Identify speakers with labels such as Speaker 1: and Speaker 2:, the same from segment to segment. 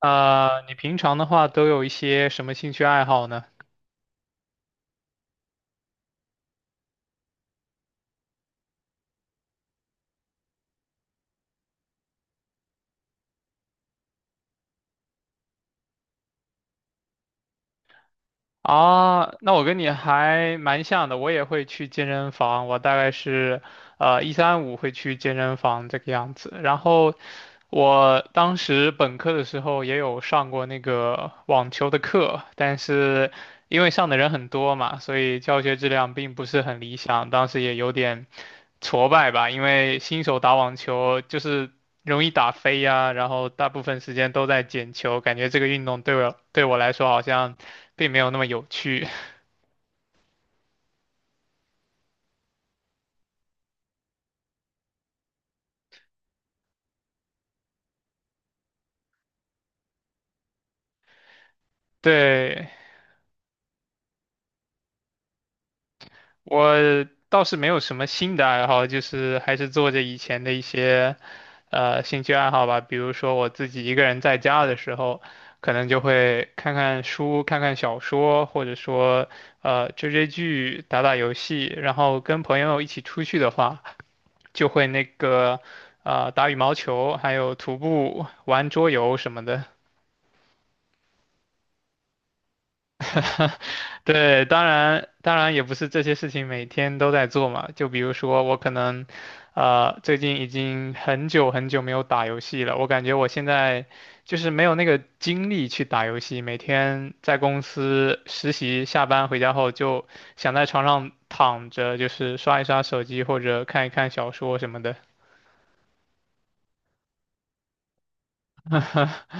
Speaker 1: 你平常的话都有一些什么兴趣爱好呢？啊，那我跟你还蛮像的，我也会去健身房，我大概是一三五会去健身房这个样子。然后我当时本科的时候也有上过那个网球的课，但是因为上的人很多嘛，所以教学质量并不是很理想，当时也有点挫败吧，因为新手打网球就是容易打飞呀，然后大部分时间都在捡球，感觉这个运动对我来说好像并没有那么有趣。对，我倒是没有什么新的爱好，就是还是做着以前的一些兴趣爱好吧，比如说我自己一个人在家的时候，可能就会看看书、看看小说，或者说追追剧、打打游戏，然后跟朋友一起出去的话。就会打羽毛球，还有徒步、玩桌游什么的。对，当然当然也不是这些事情每天都在做嘛，就比如说我可能最近已经很久很久没有打游戏了，我感觉我现在就是没有那个精力去打游戏，每天在公司实习，下班回家后就想在床上躺着，就是刷一刷手机或者看一看小说什么的。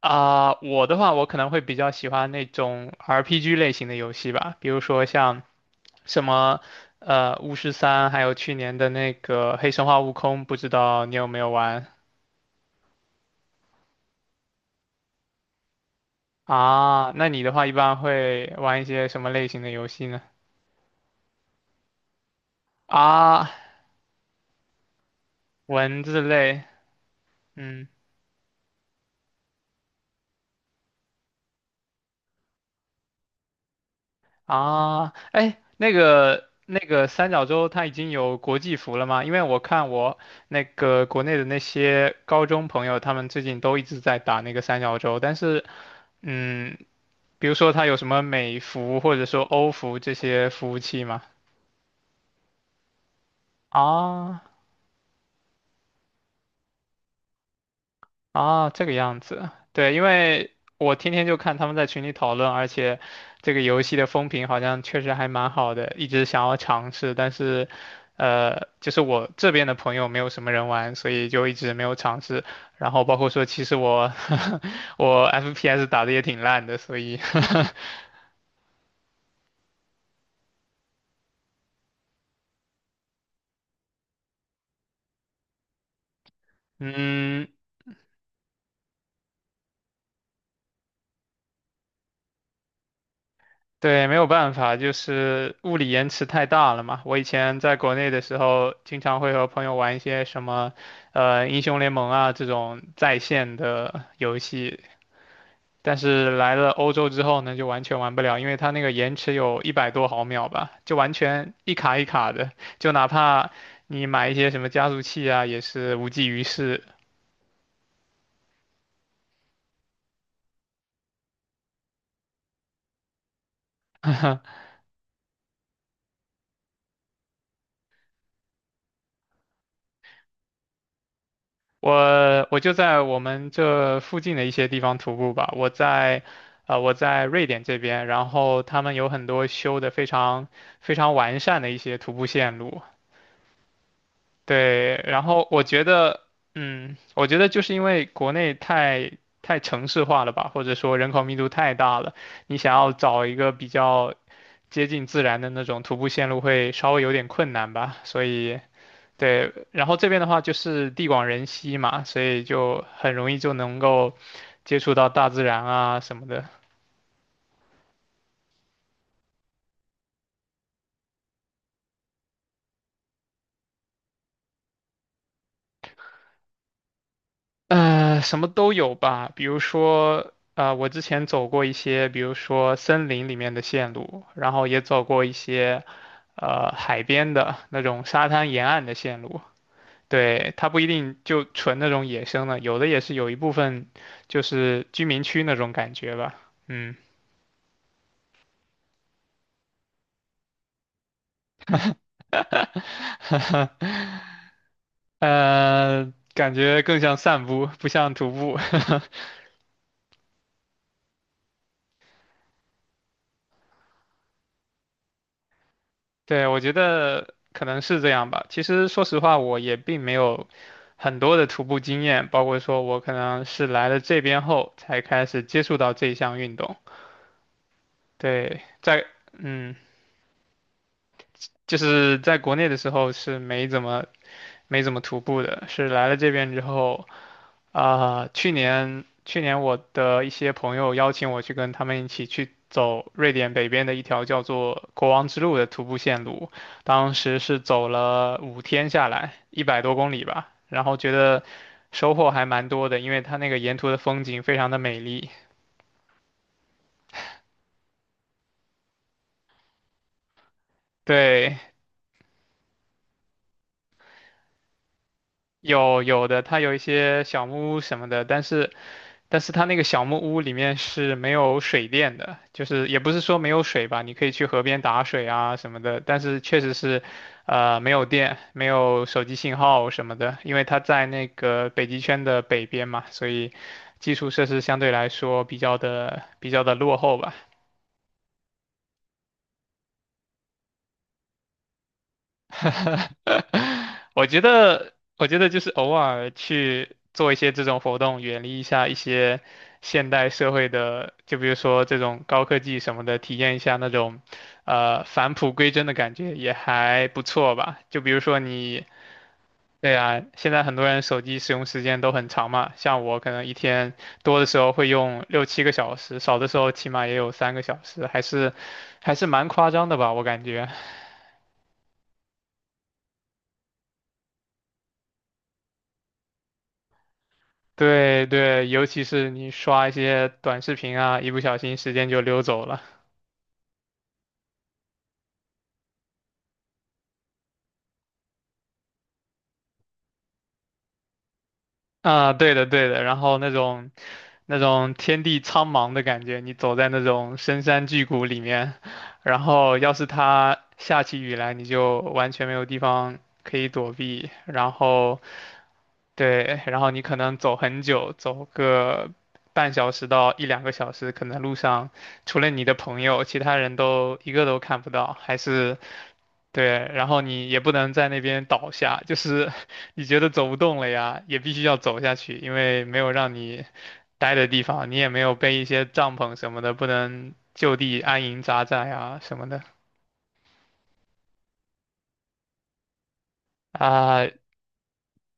Speaker 1: 啊、我的话，我可能会比较喜欢那种 RPG 类型的游戏吧，比如说像什么《巫师三》，还有去年的那个《黑神话：悟空》，不知道你有没有玩？啊？那你的话一般会玩一些什么类型的游戏呢？啊，文字类，嗯。啊，哎，那个三角洲它已经有国际服了吗？因为我看我那个国内的那些高中朋友，他们最近都一直在打那个三角洲，但是，嗯，比如说它有什么美服或者说欧服这些服务器吗？啊啊，这个样子，对，因为我天天就看他们在群里讨论，而且这个游戏的风评好像确实还蛮好的，一直想要尝试，但是，就是我这边的朋友没有什么人玩，所以就一直没有尝试。然后包括说，其实我 我 FPS 打的也挺烂的，所以 嗯，对，没有办法，就是物理延迟太大了嘛。我以前在国内的时候，经常会和朋友玩一些什么，英雄联盟啊这种在线的游戏，但是来了欧洲之后呢，就完全玩不了，因为它那个延迟有一百多毫秒吧，就完全一卡一卡的，就哪怕你买一些什么加速器啊，也是无济于事。我就在我们这附近的一些地方徒步吧。我在，啊，我在瑞典这边，然后他们有很多修的非常非常完善的一些徒步线路。对，然后我觉得，我觉得就是因为国内太城市化了吧，或者说人口密度太大了，你想要找一个比较接近自然的那种徒步线路会稍微有点困难吧，所以。对，然后这边的话就是地广人稀嘛，所以就很容易就能够接触到大自然啊什么的，什么都有吧。比如说，我之前走过一些，比如说森林里面的线路，然后也走过一些海边的那种沙滩沿岸的线路。对，它不一定就纯那种野生的，有的也是有一部分就是居民区那种感觉吧。嗯，感觉更像散步，不像徒步。对，我觉得可能是这样吧。其实说实话，我也并没有很多的徒步经验，包括说我可能是来了这边后才开始接触到这项运动。对，嗯，就是在国内的时候是没怎么徒步的，是来了这边之后。啊、去年我的一些朋友邀请我去跟他们一起去走瑞典北边的一条叫做国王之路的徒步线路，当时是走了5天下来，100多公里吧，然后觉得收获还蛮多的，因为它那个沿途的风景非常的美丽。对，有的，它有一些小木屋什么的，但是它那个小木屋里面是没有水电的，就是也不是说没有水吧，你可以去河边打水啊什么的，但是确实是，没有电，没有手机信号什么的，因为它在那个北极圈的北边嘛，所以基础设施相对来说比较的落后吧。我觉得就是偶尔去做一些这种活动，远离一下一些现代社会的，就比如说这种高科技什么的，体验一下那种，返璞归真的感觉也还不错吧。就比如说你，对啊，现在很多人手机使用时间都很长嘛，像我可能一天多的时候会用6、7个小时，少的时候起码也有3个小时，还是蛮夸张的吧，我感觉。对对，尤其是你刷一些短视频啊，一不小心时间就溜走了。啊，对的对的，然后那种天地苍茫的感觉，你走在那种深山巨谷里面，然后要是它下起雨来，你就完全没有地方可以躲避，然后对，然后你可能走很久，走个半小时到一两个小时，可能路上除了你的朋友，其他人都一个都看不到，还是对，然后你也不能在那边倒下，就是 你觉得走不动了呀，也必须要走下去，因为没有让你待的地方，你也没有备一些帐篷什么的，不能就地安营扎寨啊什么的啊。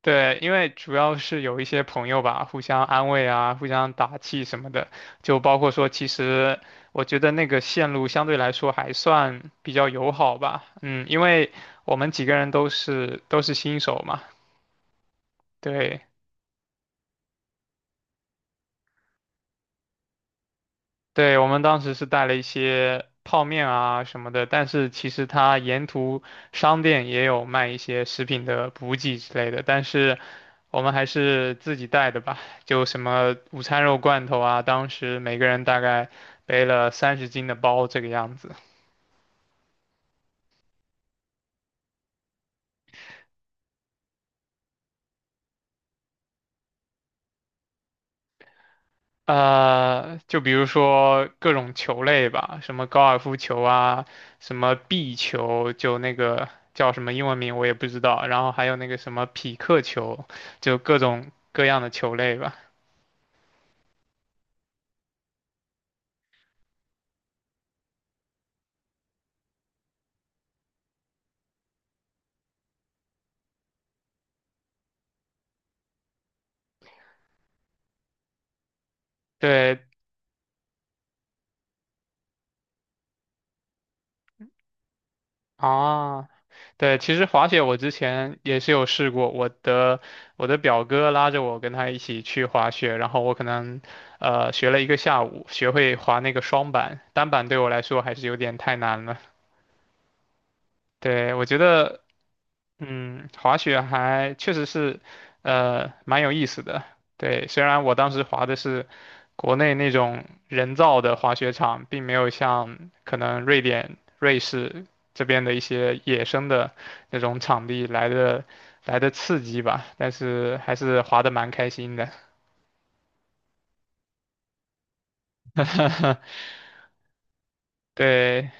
Speaker 1: 对，因为主要是有一些朋友吧，互相安慰啊，互相打气什么的，就包括说，其实我觉得那个线路相对来说还算比较友好吧，嗯，因为我们几个人都是新手嘛，对。对，我们当时是带了一些泡面啊什么的，但是其实它沿途商店也有卖一些食品的补给之类的，但是我们还是自己带的吧，就什么午餐肉罐头啊，当时每个人大概背了30斤的包这个样子。就比如说各种球类吧，什么高尔夫球啊，什么壁球，就那个叫什么英文名我也不知道，然后还有那个什么匹克球，就各种各样的球类吧。对啊，对，其实滑雪我之前也是有试过，我的表哥拉着我跟他一起去滑雪，然后我可能学了一个下午，学会滑那个双板，单板对我来说还是有点太难了。对，我觉得滑雪还确实是，蛮有意思的。对，虽然我当时滑的是国内那种人造的滑雪场，并没有像可能瑞典、瑞士这边的一些野生的那种场地来的刺激吧，但是还是滑得蛮开心的。对，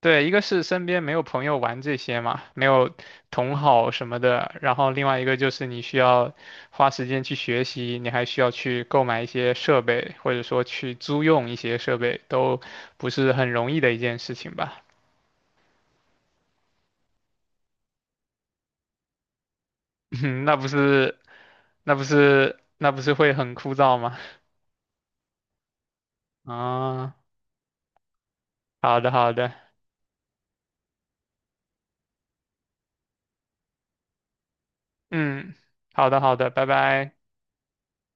Speaker 1: 对，一个是身边没有朋友玩这些嘛，没有同好什么的，然后另外一个就是你需要花时间去学习，你还需要去购买一些设备，或者说去租用一些设备，都不是很容易的一件事情吧？那不是，那不是会很枯燥吗？啊，好的，好的，嗯，好的，好的，拜拜。